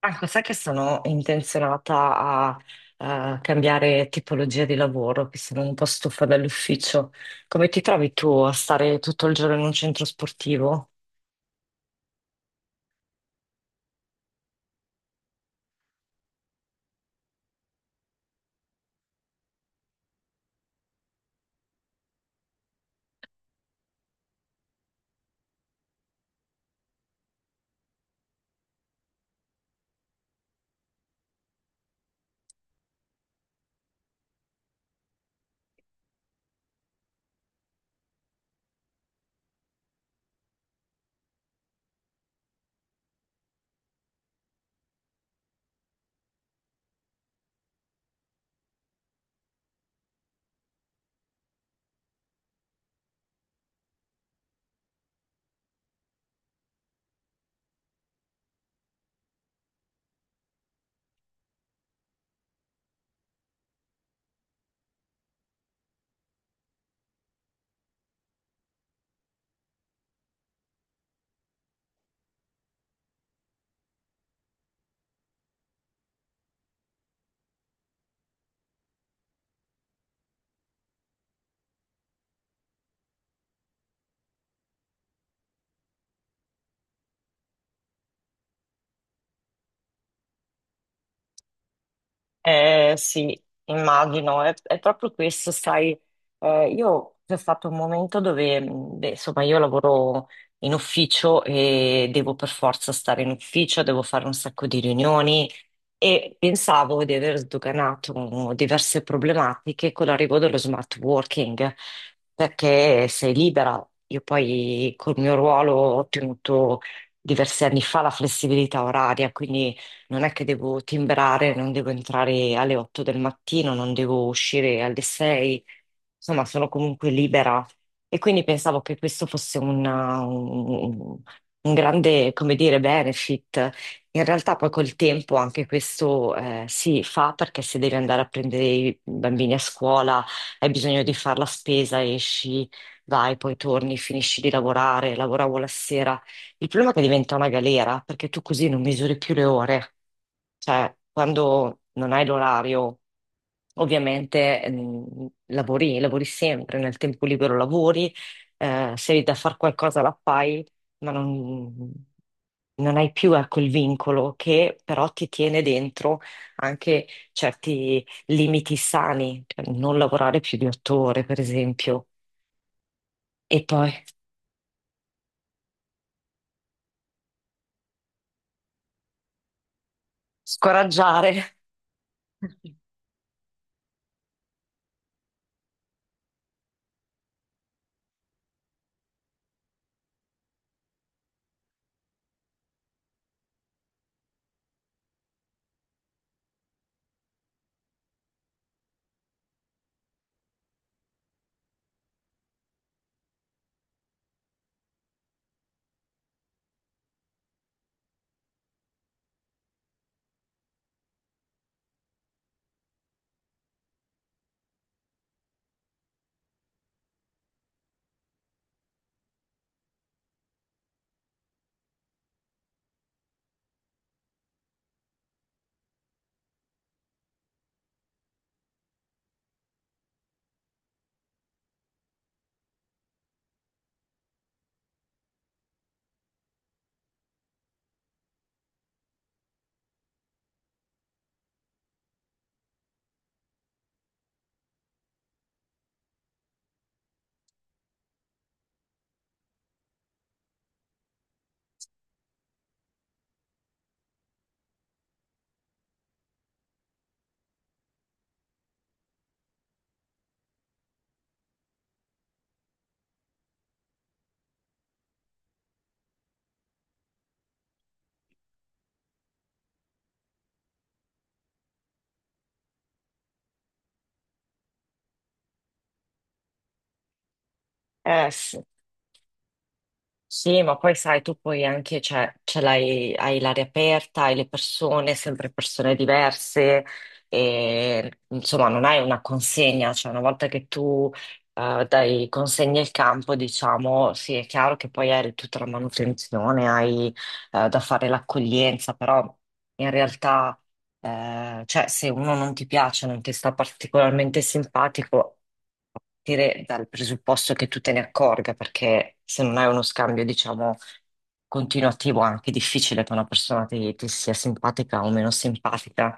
Marco, sai che sono intenzionata a, cambiare tipologia di lavoro, che sono un po' stufa dall'ufficio. Come ti trovi tu a stare tutto il giorno in un centro sportivo? Sì, immagino, è proprio questo, sai, io c'è stato un momento dove, beh, insomma, io lavoro in ufficio e devo per forza stare in ufficio, devo fare un sacco di riunioni e pensavo di aver sdoganato diverse problematiche con l'arrivo dello smart working, perché sei libera. Io poi col mio ruolo ho ottenuto diversi anni fa la flessibilità oraria, quindi non è che devo timbrare, non devo entrare alle 8 del mattino, non devo uscire alle 6, insomma, sono comunque libera. E quindi pensavo che questo fosse un grande, come dire, benefit. In realtà poi col tempo anche questo si fa perché se devi andare a prendere i bambini a scuola, hai bisogno di fare la spesa, esci, vai, poi torni, finisci di lavorare, lavoravo la sera. Il problema è che diventa una galera perché tu così non misuri più le ore. Cioè, quando non hai l'orario, ovviamente lavori, lavori sempre, nel tempo libero lavori, se hai da fare qualcosa la fai, ma non, non hai più ecco, il vincolo che però ti tiene dentro anche certi limiti sani, cioè non lavorare più di 8 ore, per esempio, e poi scoraggiare. Sì. Sì, ma poi sai, tu poi anche cioè, ce l'hai, hai l'area aperta, hai le persone, sempre persone diverse, e insomma non hai una consegna, cioè una volta che tu dai consegna il campo, diciamo, sì, è chiaro che poi hai tutta la manutenzione, hai da fare l'accoglienza, però in realtà cioè, se uno non ti piace, non ti sta particolarmente simpatico, partire dal presupposto che tu te ne accorga, perché se non hai uno scambio, diciamo, continuativo, è anche difficile che una persona ti sia simpatica o meno simpatica.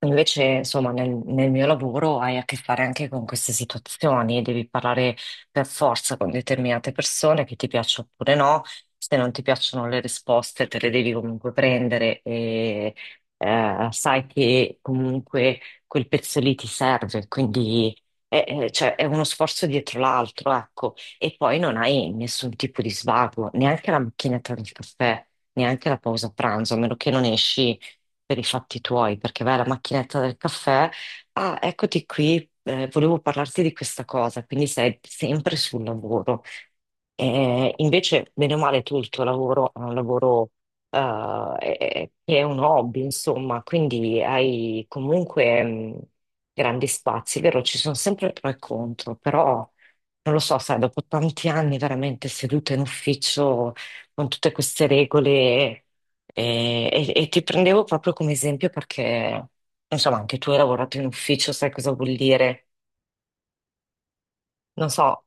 Invece, insomma, nel mio lavoro hai a che fare anche con queste situazioni, devi parlare per forza con determinate persone che ti piacciono oppure no, se non ti piacciono le risposte te le devi comunque prendere e sai che comunque quel pezzo lì ti serve, quindi cioè, è uno sforzo dietro l'altro, ecco, e poi non hai nessun tipo di svago, neanche la macchinetta del caffè, neanche la pausa pranzo, a meno che non esci per i fatti tuoi, perché vai alla macchinetta del caffè, ah, eccoti qui, volevo parlarti di questa cosa, quindi sei sempre sul lavoro. Invece, bene o male, tu il tuo lavoro è un lavoro che è un hobby, insomma, quindi hai comunque grandi spazi, vero? Ci sono sempre pro e contro, però non lo so, sai, dopo tanti anni veramente seduta in ufficio con tutte queste regole. E ti prendevo proprio come esempio perché, insomma, anche tu hai lavorato in ufficio, sai cosa vuol dire? Non so.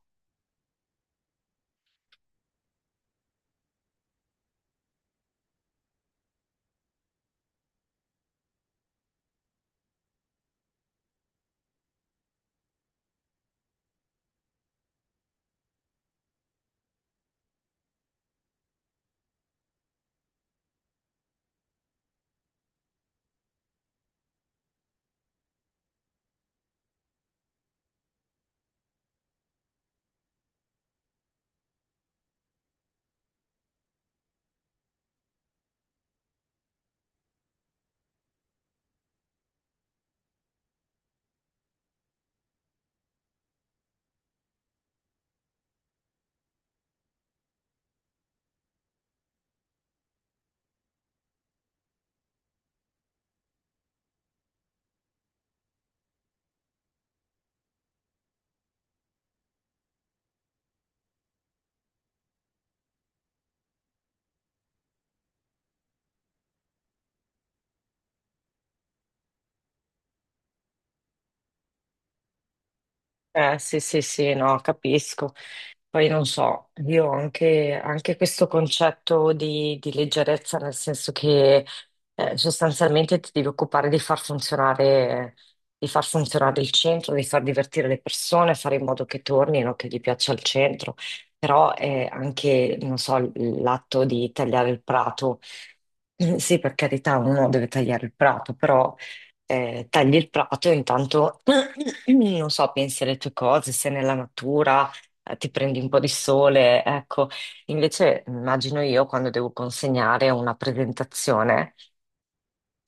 Sì, sì, sì, no, capisco. Poi non so, io ho anche, anche questo concetto di leggerezza, nel senso che sostanzialmente ti devi occupare di far funzionare il centro, di far divertire le persone, fare in modo che tornino, che gli piaccia il centro, però è anche, non so, l'atto di tagliare il prato. Sì, per carità, uno deve tagliare il prato, però tagli il prato e intanto non so, pensi alle tue cose, sei nella natura, ti prendi un po' di sole, ecco. Invece immagino io quando devo consegnare una presentazione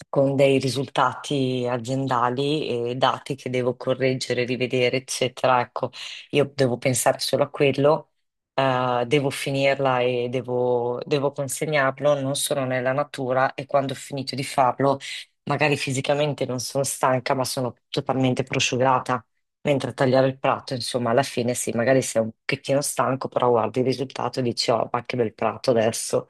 con dei risultati aziendali e dati che devo correggere, rivedere, eccetera. Ecco, io devo pensare solo a quello, devo finirla e devo consegnarlo, non sono nella natura e quando ho finito di farlo, magari fisicamente non sono stanca, ma sono totalmente prosciugata. Mentre a tagliare il prato, insomma, alla fine sì, magari sei un pochettino stanco, però guardi il risultato e dici, oh, ma che bel prato adesso.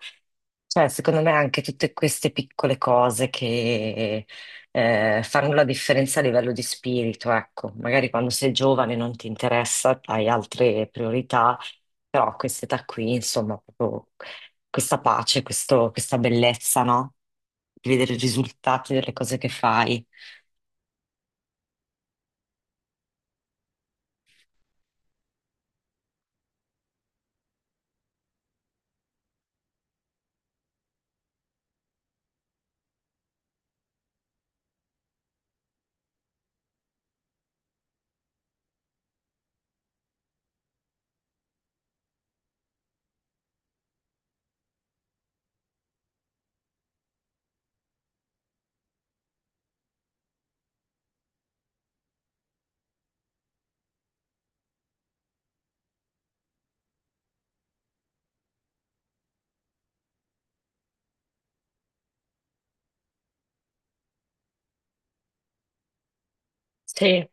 Cioè, secondo me anche tutte queste piccole cose che fanno la differenza a livello di spirito, ecco, magari quando sei giovane non ti interessa, hai altre priorità, però a quest'età qui, insomma, proprio questa pace, questa bellezza, no? Di vedere i risultati delle cose che fai. Sì.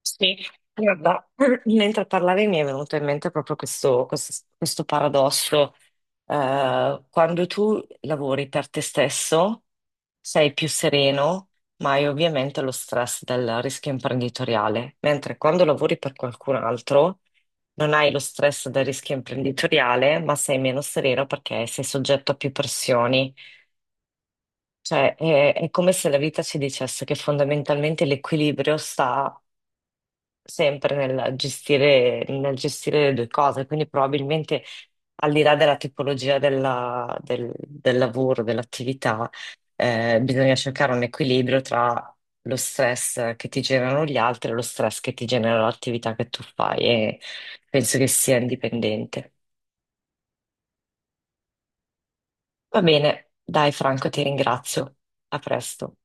Sì, guarda, mentre parlavi mi è venuto in mente proprio questo, questo paradosso. Quando tu lavori per te stesso sei più sereno, ma hai ovviamente lo stress del rischio imprenditoriale, mentre quando lavori per qualcun altro non hai lo stress del rischio imprenditoriale, ma sei meno sereno perché sei soggetto a più pressioni. Cioè, è come se la vita ci dicesse che fondamentalmente l'equilibrio sta sempre nel gestire le due cose, quindi probabilmente al di là della tipologia del lavoro, dell'attività, bisogna cercare un equilibrio tra lo stress che ti generano gli altri e lo stress che ti genera l'attività che tu fai e penso che sia indipendente. Va bene, dai Franco, ti ringrazio. A presto.